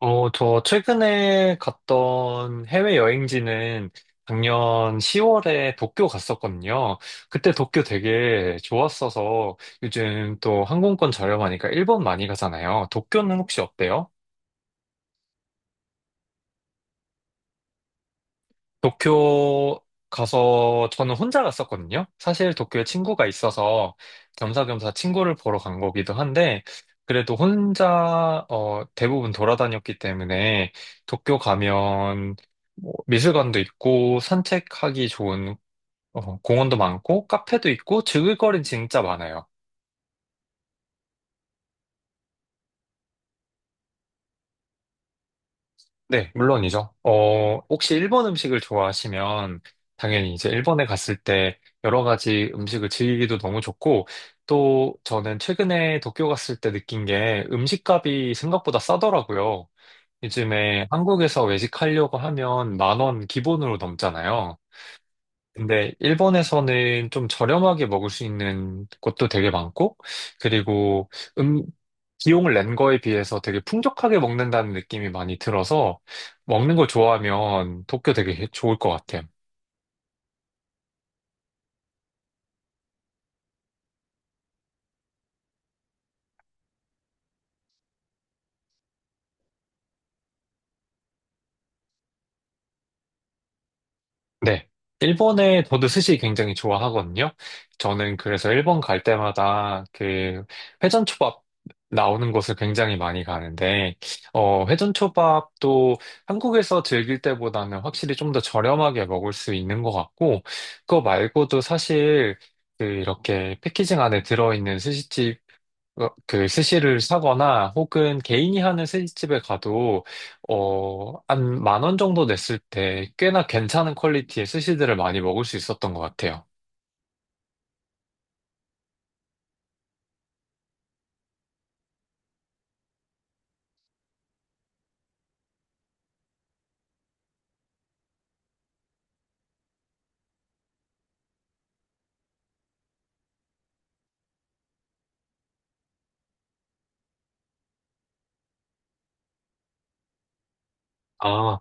저 최근에 갔던 해외 여행지는 작년 10월에 도쿄 갔었거든요. 그때 도쿄 되게 좋았어서 요즘 또 항공권 저렴하니까 일본 많이 가잖아요. 도쿄는 혹시 어때요? 도쿄 가서 저는 혼자 갔었거든요. 사실 도쿄에 친구가 있어서 겸사겸사 친구를 보러 간 거기도 한데, 그래도 혼자 대부분 돌아다녔기 때문에 도쿄 가면 뭐 미술관도 있고 산책하기 좋은 공원도 많고 카페도 있고 즐길 거리는 진짜 많아요. 네, 물론이죠. 혹시 일본 음식을 좋아하시면 당연히 이제 일본에 갔을 때 여러 가지 음식을 즐기기도 너무 좋고, 또 저는 최근에 도쿄 갔을 때 느낀 게 음식값이 생각보다 싸더라고요. 요즘에 한국에서 외식하려고 하면 만 원 기본으로 넘잖아요. 근데 일본에서는 좀 저렴하게 먹을 수 있는 곳도 되게 많고, 그리고 음, 비용을 낸 거에 비해서 되게 풍족하게 먹는다는 느낌이 많이 들어서, 먹는 거 좋아하면 도쿄 되게 좋을 것 같아요. 네. 일본에 저도 스시 굉장히 좋아하거든요. 저는 그래서 일본 갈 때마다 그 회전초밥 나오는 곳을 굉장히 많이 가는데, 회전초밥도 한국에서 즐길 때보다는 확실히 좀 더 저렴하게 먹을 수 있는 것 같고, 그거 말고도 사실 그 이렇게 패키징 안에 들어있는 스시집, 그 스시를 사거나 혹은 개인이 하는 스시집에 가도, 한 만 원 정도 냈을 때 꽤나 괜찮은 퀄리티의 스시들을 많이 먹을 수 있었던 것 같아요. 아,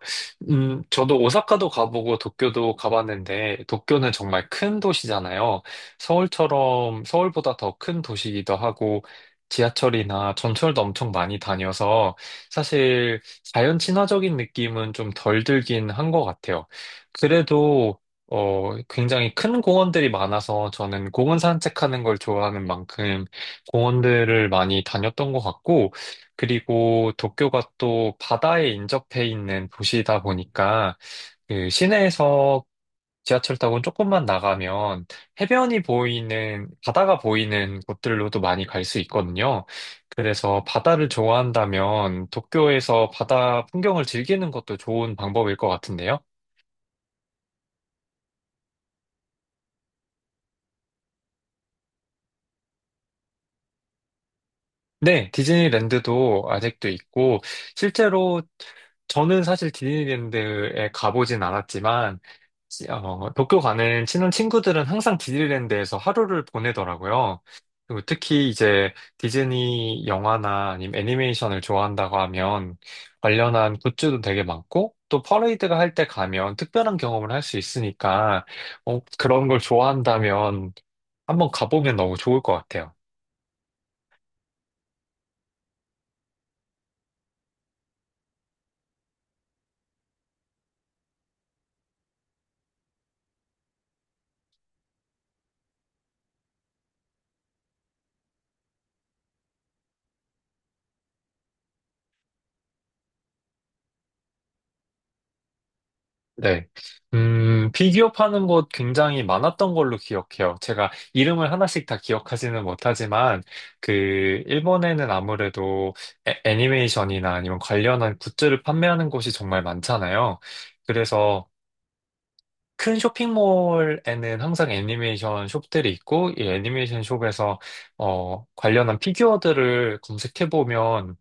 저도 오사카도 가보고 도쿄도 가봤는데, 도쿄는 정말 큰 도시잖아요. 서울처럼, 서울보다 더 큰 도시이기도 하고, 지하철이나 전철도 엄청 많이 다녀서, 사실 자연 친화적인 느낌은 좀 덜 들긴 한 것 같아요. 그래도, 굉장히 큰 공원들이 많아서, 저는 공원 산책하는 걸 좋아하는 만큼, 공원들을 많이 다녔던 것 같고, 그리고 도쿄가 또 바다에 인접해 있는 도시이다 보니까 그 시내에서 지하철 타고 조금만 나가면 해변이 보이는, 바다가 보이는 곳들로도 많이 갈 수 있거든요. 그래서 바다를 좋아한다면 도쿄에서 바다 풍경을 즐기는 것도 좋은 방법일 것 같은데요. 네, 디즈니랜드도 아직도 있고, 실제로 저는 사실 디즈니랜드에 가보진 않았지만, 도쿄 가는 친한 친구들은 항상 디즈니랜드에서 하루를 보내더라고요. 그리고 특히 이제 디즈니 영화나 아니면 애니메이션을 좋아한다고 하면 관련한 굿즈도 되게 많고, 또 퍼레이드가 할 때 가면 특별한 경험을 할 수 있으니까, 그런 걸 좋아한다면 한번 가보면 너무 좋을 것 같아요. 네. 피규어 파는 곳 굉장히 많았던 걸로 기억해요. 제가 이름을 하나씩 다 기억하지는 못하지만, 그, 일본에는 아무래도 애니메이션이나 아니면 관련한 굿즈를 판매하는 곳이 정말 많잖아요. 그래서 큰 쇼핑몰에는 항상 애니메이션 숍들이 있고, 이 애니메이션 숍에서, 관련한 피규어들을 검색해보면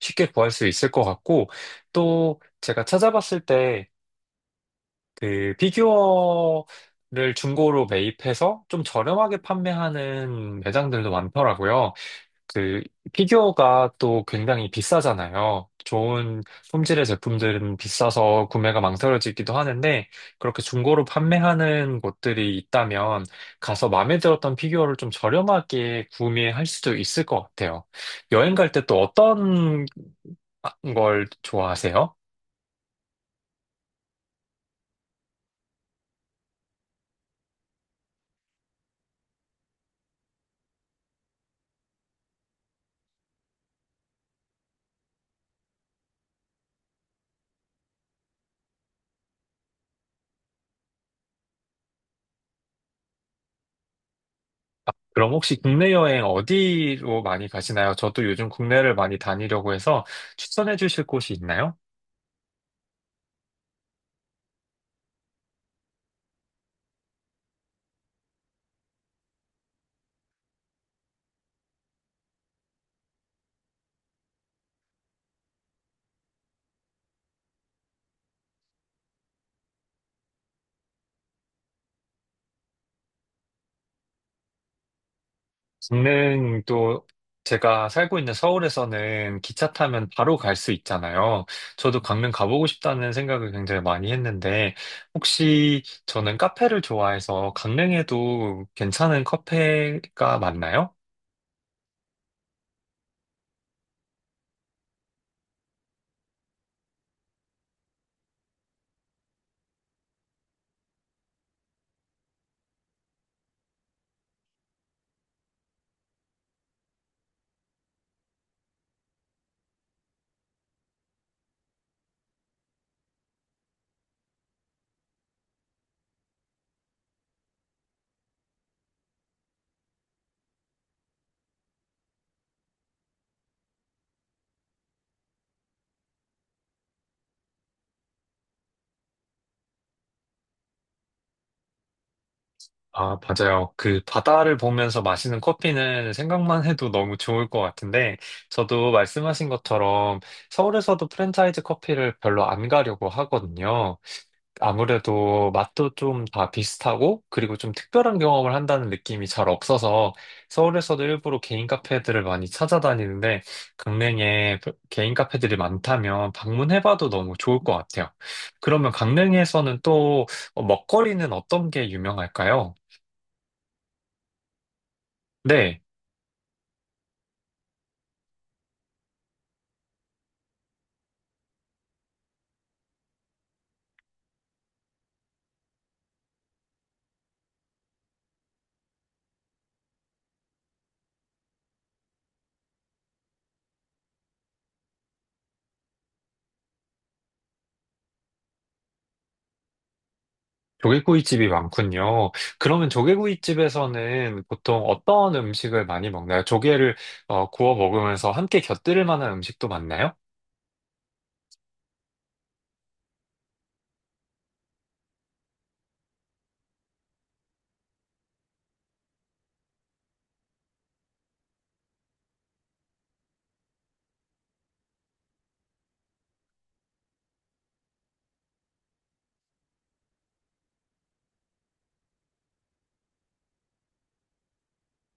쉽게 구할 수 있을 것 같고, 또 제가 찾아봤을 때, 그 피규어를 중고로 매입해서 좀 저렴하게 판매하는 매장들도 많더라고요. 그 피규어가 또 굉장히 비싸잖아요. 좋은 품질의 제품들은 비싸서 구매가 망설여지기도 하는데 그렇게 중고로 판매하는 곳들이 있다면 가서 마음에 들었던 피규어를 좀 저렴하게 구매할 수도 있을 것 같아요. 여행 갈 때 또 어떤 걸 좋아하세요? 그럼 혹시 국내 여행 어디로 많이 가시나요? 저도 요즘 국내를 많이 다니려고 해서 추천해 주실 곳이 있나요? 저는 또 제가 살고 있는 서울에서는 기차 타면 바로 갈 수 있잖아요. 저도 강릉 가보고 싶다는 생각을 굉장히 많이 했는데 혹시 저는 카페를 좋아해서 강릉에도 괜찮은 카페가 많나요? 아, 맞아요. 그 바다를 보면서 마시는 커피는 생각만 해도 너무 좋을 것 같은데, 저도 말씀하신 것처럼 서울에서도 프랜차이즈 커피를 별로 안 가려고 하거든요. 아무래도 맛도 좀 다 비슷하고, 그리고 좀 특별한 경험을 한다는 느낌이 잘 없어서, 서울에서도 일부러 개인 카페들을 많이 찾아다니는데, 강릉에 개인 카페들이 많다면 방문해봐도 너무 좋을 것 같아요. 그러면 강릉에서는 또 먹거리는 어떤 게 유명할까요? 네, 조개구이집이 많군요. 그러면 조개구이집에서는 보통 어떤 음식을 많이 먹나요? 조개를 구워 먹으면서 함께 곁들일 만한 음식도 많나요?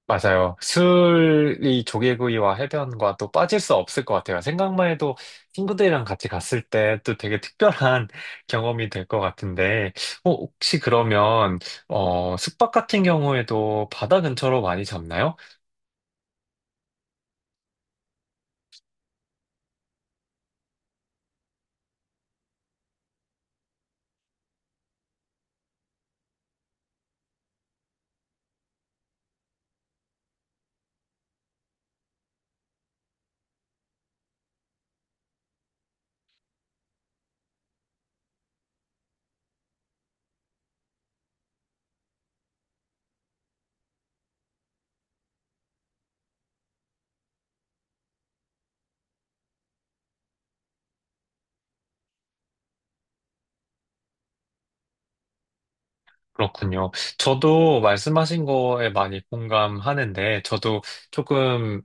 맞아요. 술이 조개구이와 해변과 또 빠질 수 없을 것 같아요. 생각만 해도 친구들이랑 같이 갔을 때 또 되게 특별한 경험이 될 것 같은데, 혹시 그러면 숙박 같은 경우에도 바다 근처로 많이 잡나요? 그렇군요. 저도 말씀하신 거에 많이 공감하는데, 저도 조금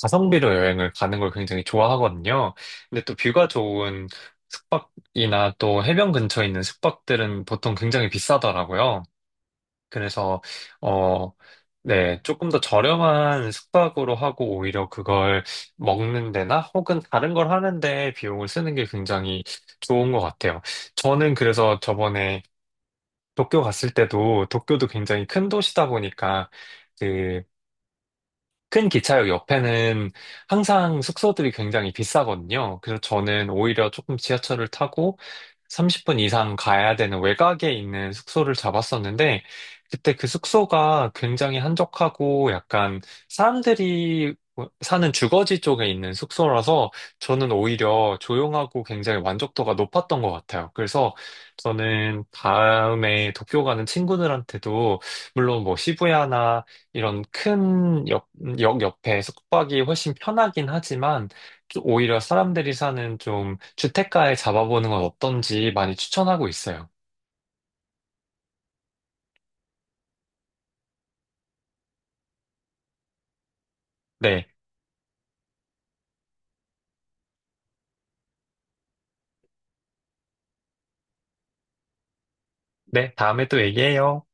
가성비로 여행을 가는 걸 굉장히 좋아하거든요. 근데 또 뷰가 좋은 숙박이나 또 해변 근처에 있는 숙박들은 보통 굉장히 비싸더라고요. 그래서, 어, 네, 조금 더 저렴한 숙박으로 하고 오히려 그걸 먹는 데나 혹은 다른 걸 하는데 비용을 쓰는 게 굉장히 좋은 것 같아요. 저는 그래서 저번에 도쿄 갔을 때도 도쿄도 굉장히 큰 도시다 보니까 그 큰 기차역 옆에는 항상 숙소들이 굉장히 비싸거든요. 그래서 저는 오히려 조금 지하철을 타고 30분 이상 가야 되는 외곽에 있는 숙소를 잡았었는데, 그때 그 숙소가 굉장히 한적하고 약간 사람들이 뭐 사는 주거지 쪽에 있는 숙소라서 저는 오히려 조용하고 굉장히 만족도가 높았던 것 같아요. 그래서 저는 다음에 도쿄 가는 친구들한테도 물론 뭐 시부야나 이런 큰 역, 역 옆에 숙박이 훨씬 편하긴 하지만 좀 오히려 사람들이 사는 좀 주택가에 잡아보는 건 어떤지 많이 추천하고 있어요. 네. 네, 다음에 또 얘기해요.